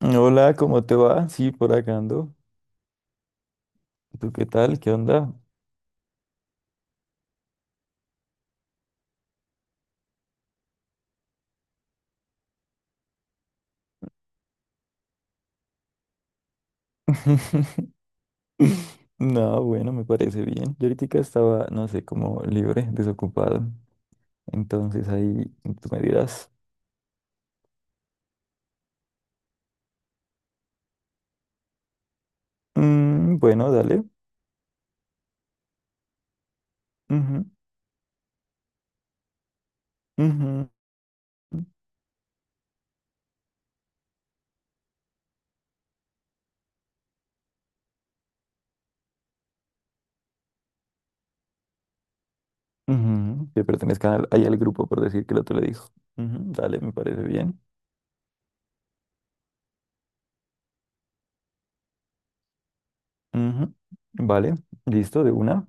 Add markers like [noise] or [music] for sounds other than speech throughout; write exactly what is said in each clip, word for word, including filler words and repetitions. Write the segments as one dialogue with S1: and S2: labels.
S1: Hola, ¿cómo te va? Sí, por acá ando. ¿Tú qué tal? ¿Qué onda? [laughs] No, bueno, me parece bien. Yo ahorita estaba, no sé, como libre, desocupado. Entonces ahí tú me dirás, "Mm, bueno, dale. Ujú, ujú, ujú". Que pertenezca al- ahí al grupo por decir que el otro le dijo. "Ujú, dale, me parece bien. Ujú, vale, listo, de una.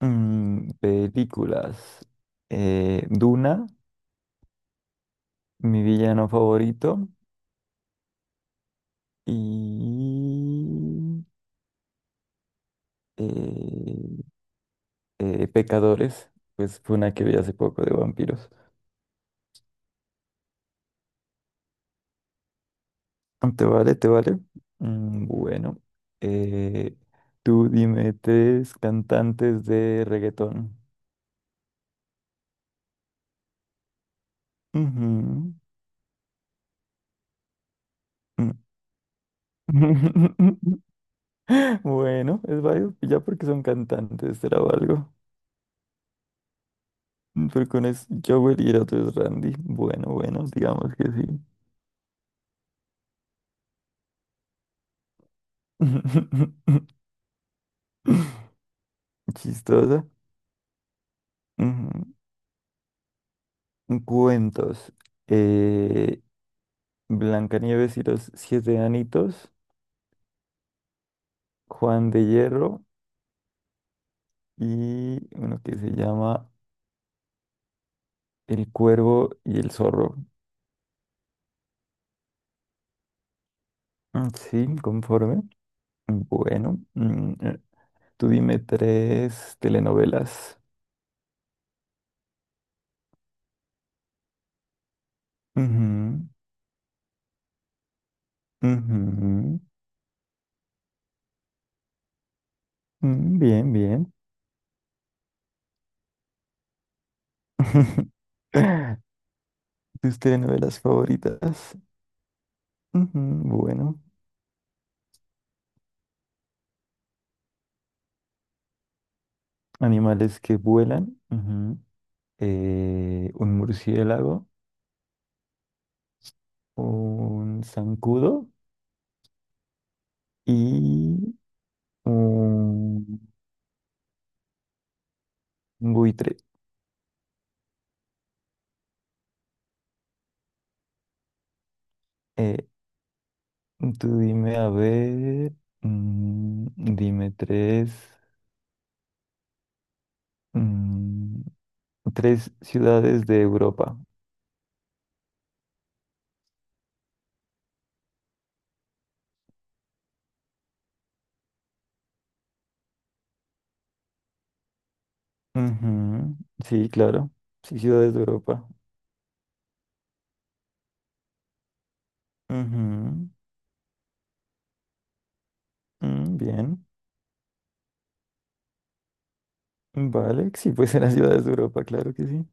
S1: Mm, películas. Eh, Duna, mi villano favorito. Y eh, eh, Pecadores, pues fue una que vi hace poco de vampiros. ¿Te vale? ¿Te vale? Mm, bueno, eh, tú dime tres cantantes de reggaetón. Ujú, mm. [laughs] Bueno, es válido, ya porque son cantantes, será algo. Porque uno es Joel y el otro es Randy. Bueno, bueno, digamos que sí. [laughs] Chistosa. Ujú. Cuentos. Eh, Blancanieves y los siete anitos, Juan de Hierro y uno que se llama El Cuervo y el Zorro. Mm, sí, conforme. Bueno, mm, eh, tú dime tres telenovelas. Ujú, ujú, mm, bien, bien. [laughs] ¿Tus telenovelas favoritas? Ujú, bueno, animales que vuelan. Ujú, eh, un murciélago, un zancudo y un buitre. Eh, tú dime, a ver, mm, dime tres, mm, tres ciudades de Europa. Ujú, sí, claro, sí, ciudades de Europa. Ujú, mm, bien, vale, [laughs] sí, pues eran ciudades de Europa, claro que sí.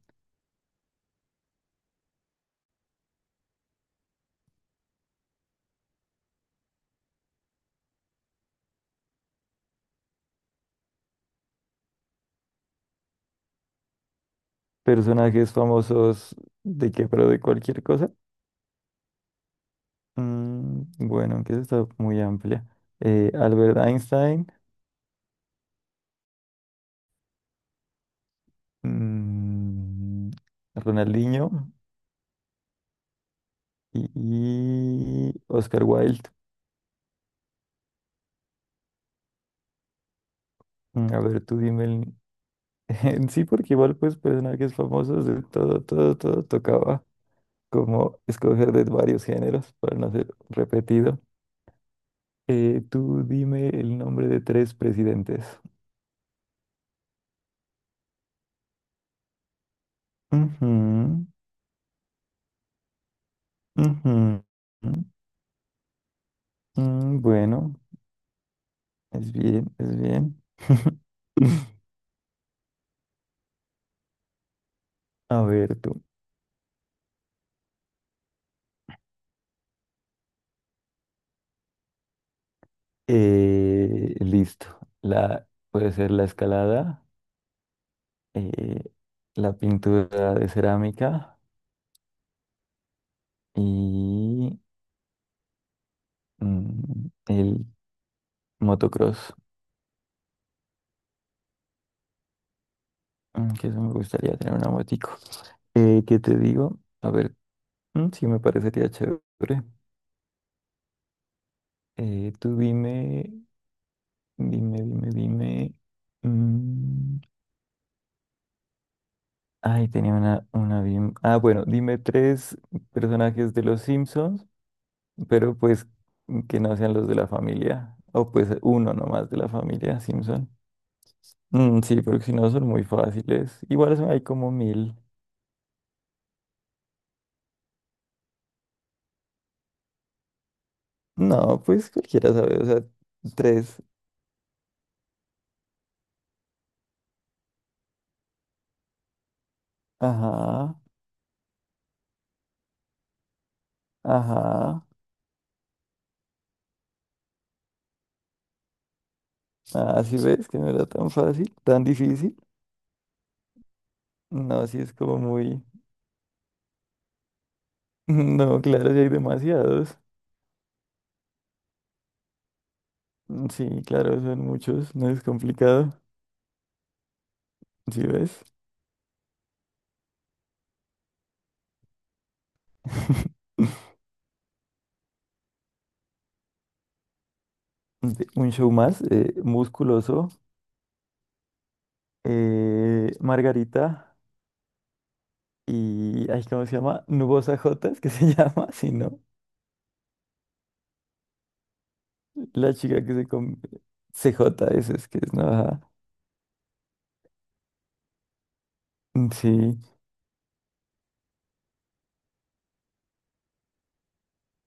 S1: Personajes famosos de qué, pero de cualquier cosa. Mm, bueno, que eso está muy amplia. Eh, Albert Einstein, mm, Ronaldinho y, y Oscar Wilde. Mm, a ver, tú dime el... [laughs] sí, porque igual pues personajes famosos de todo, todo, todo tocaba como escoger de varios géneros para no ser repetido. Eh, tú dime el nombre de tres presidentes. Ujú, ujú, ujú. Mm, bueno. Es bien, es bien. [laughs] A ver tú. Eh, listo. La, puede ser la escalada, eh, la pintura de cerámica y mm, el motocross. Mm, que eso me gustaría tener una motico. Eh, ¿qué te digo? A ver, mm, sí me parecería chévere. Eh, tú dime, dime, dime, dime. Mm, ay, tenía una, una bien. Ah, bueno, dime tres personajes de los Simpsons, pero pues que no sean los de la familia. O pues uno nomás de la familia Simpson. Mm, sí, porque si no son muy fáciles. Igual son- hay como mil. No, pues cualquiera sabe, o sea, tres. Ajá, ajá. Ah, ¿sí ves que no era tan fácil, tan difícil? No, sí es como muy. [laughs] No, claro, sí hay demasiados. Mm, sí, claro, son muchos, no es complicado. ¿Sí ves? [laughs] de- Un show más, eh, musculoso, eh, Margarita y, ay, ¿cómo se llama? Nubosa J, es que se llama, [laughs] si no, la chica que se come. C J, eso es que es, ¿no? Ajá. Sí,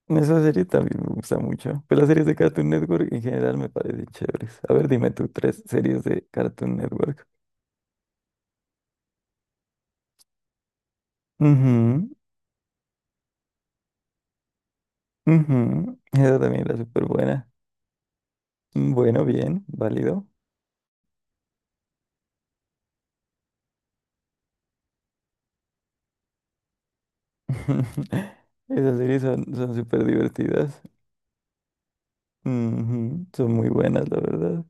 S1: esa serie también me gusta mucho. Pero las series de Cartoon Network en general me parecen chéveres. A ver, dime tú tres series de Cartoon Network. Ujú, ujú, esa también era súper buena. Bueno, bien, válido. [laughs] Esas series son, son súper divertidas. Ujú, son muy buenas, la verdad.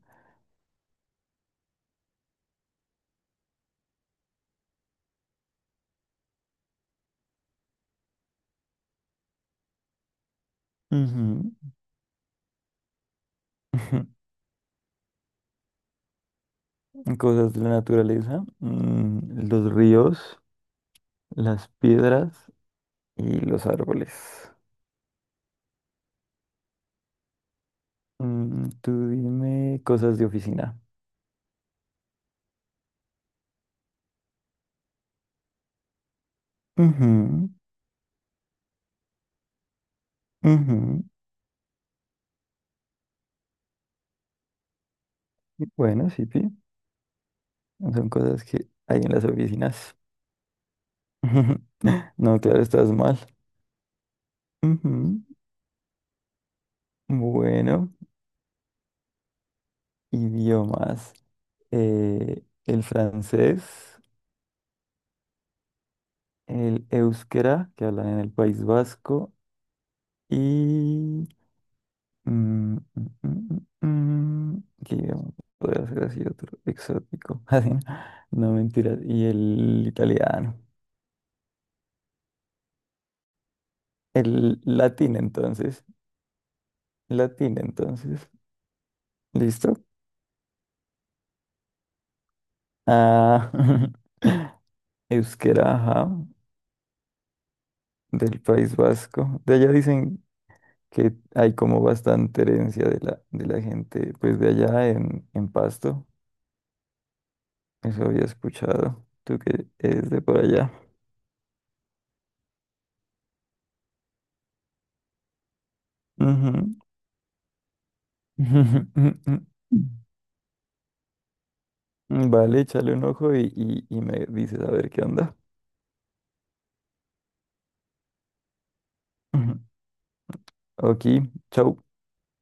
S1: Ujú. [laughs] Cosas de la naturaleza. Mm, los ríos, las piedras y los árboles. Mm, tú dime cosas de oficina. Ujú, ujú. Bueno, sí, pi, son cosas que hay en las oficinas. [laughs] No, claro, estás mal. Ujú. Bueno, idiomas. eh, el francés, el euskera, que hablan en el País Vasco, y... mm, mm, mm, mm, mm, ¿qué idioma podría ser así otro exótico? [laughs] Así, no mentiras. Y el italiano. El latín, entonces. Latín, entonces. ¿Listo? Ah, [laughs] euskera, ajá, del País Vasco. De allá dicen que hay como bastante herencia de la, de la gente, pues de allá en, en Pasto. Eso había escuchado. Tú que es de por allá. Ujú. [laughs] Vale, échale un ojo y, y, y me dices a ver qué onda. Ujú. Ok, chau.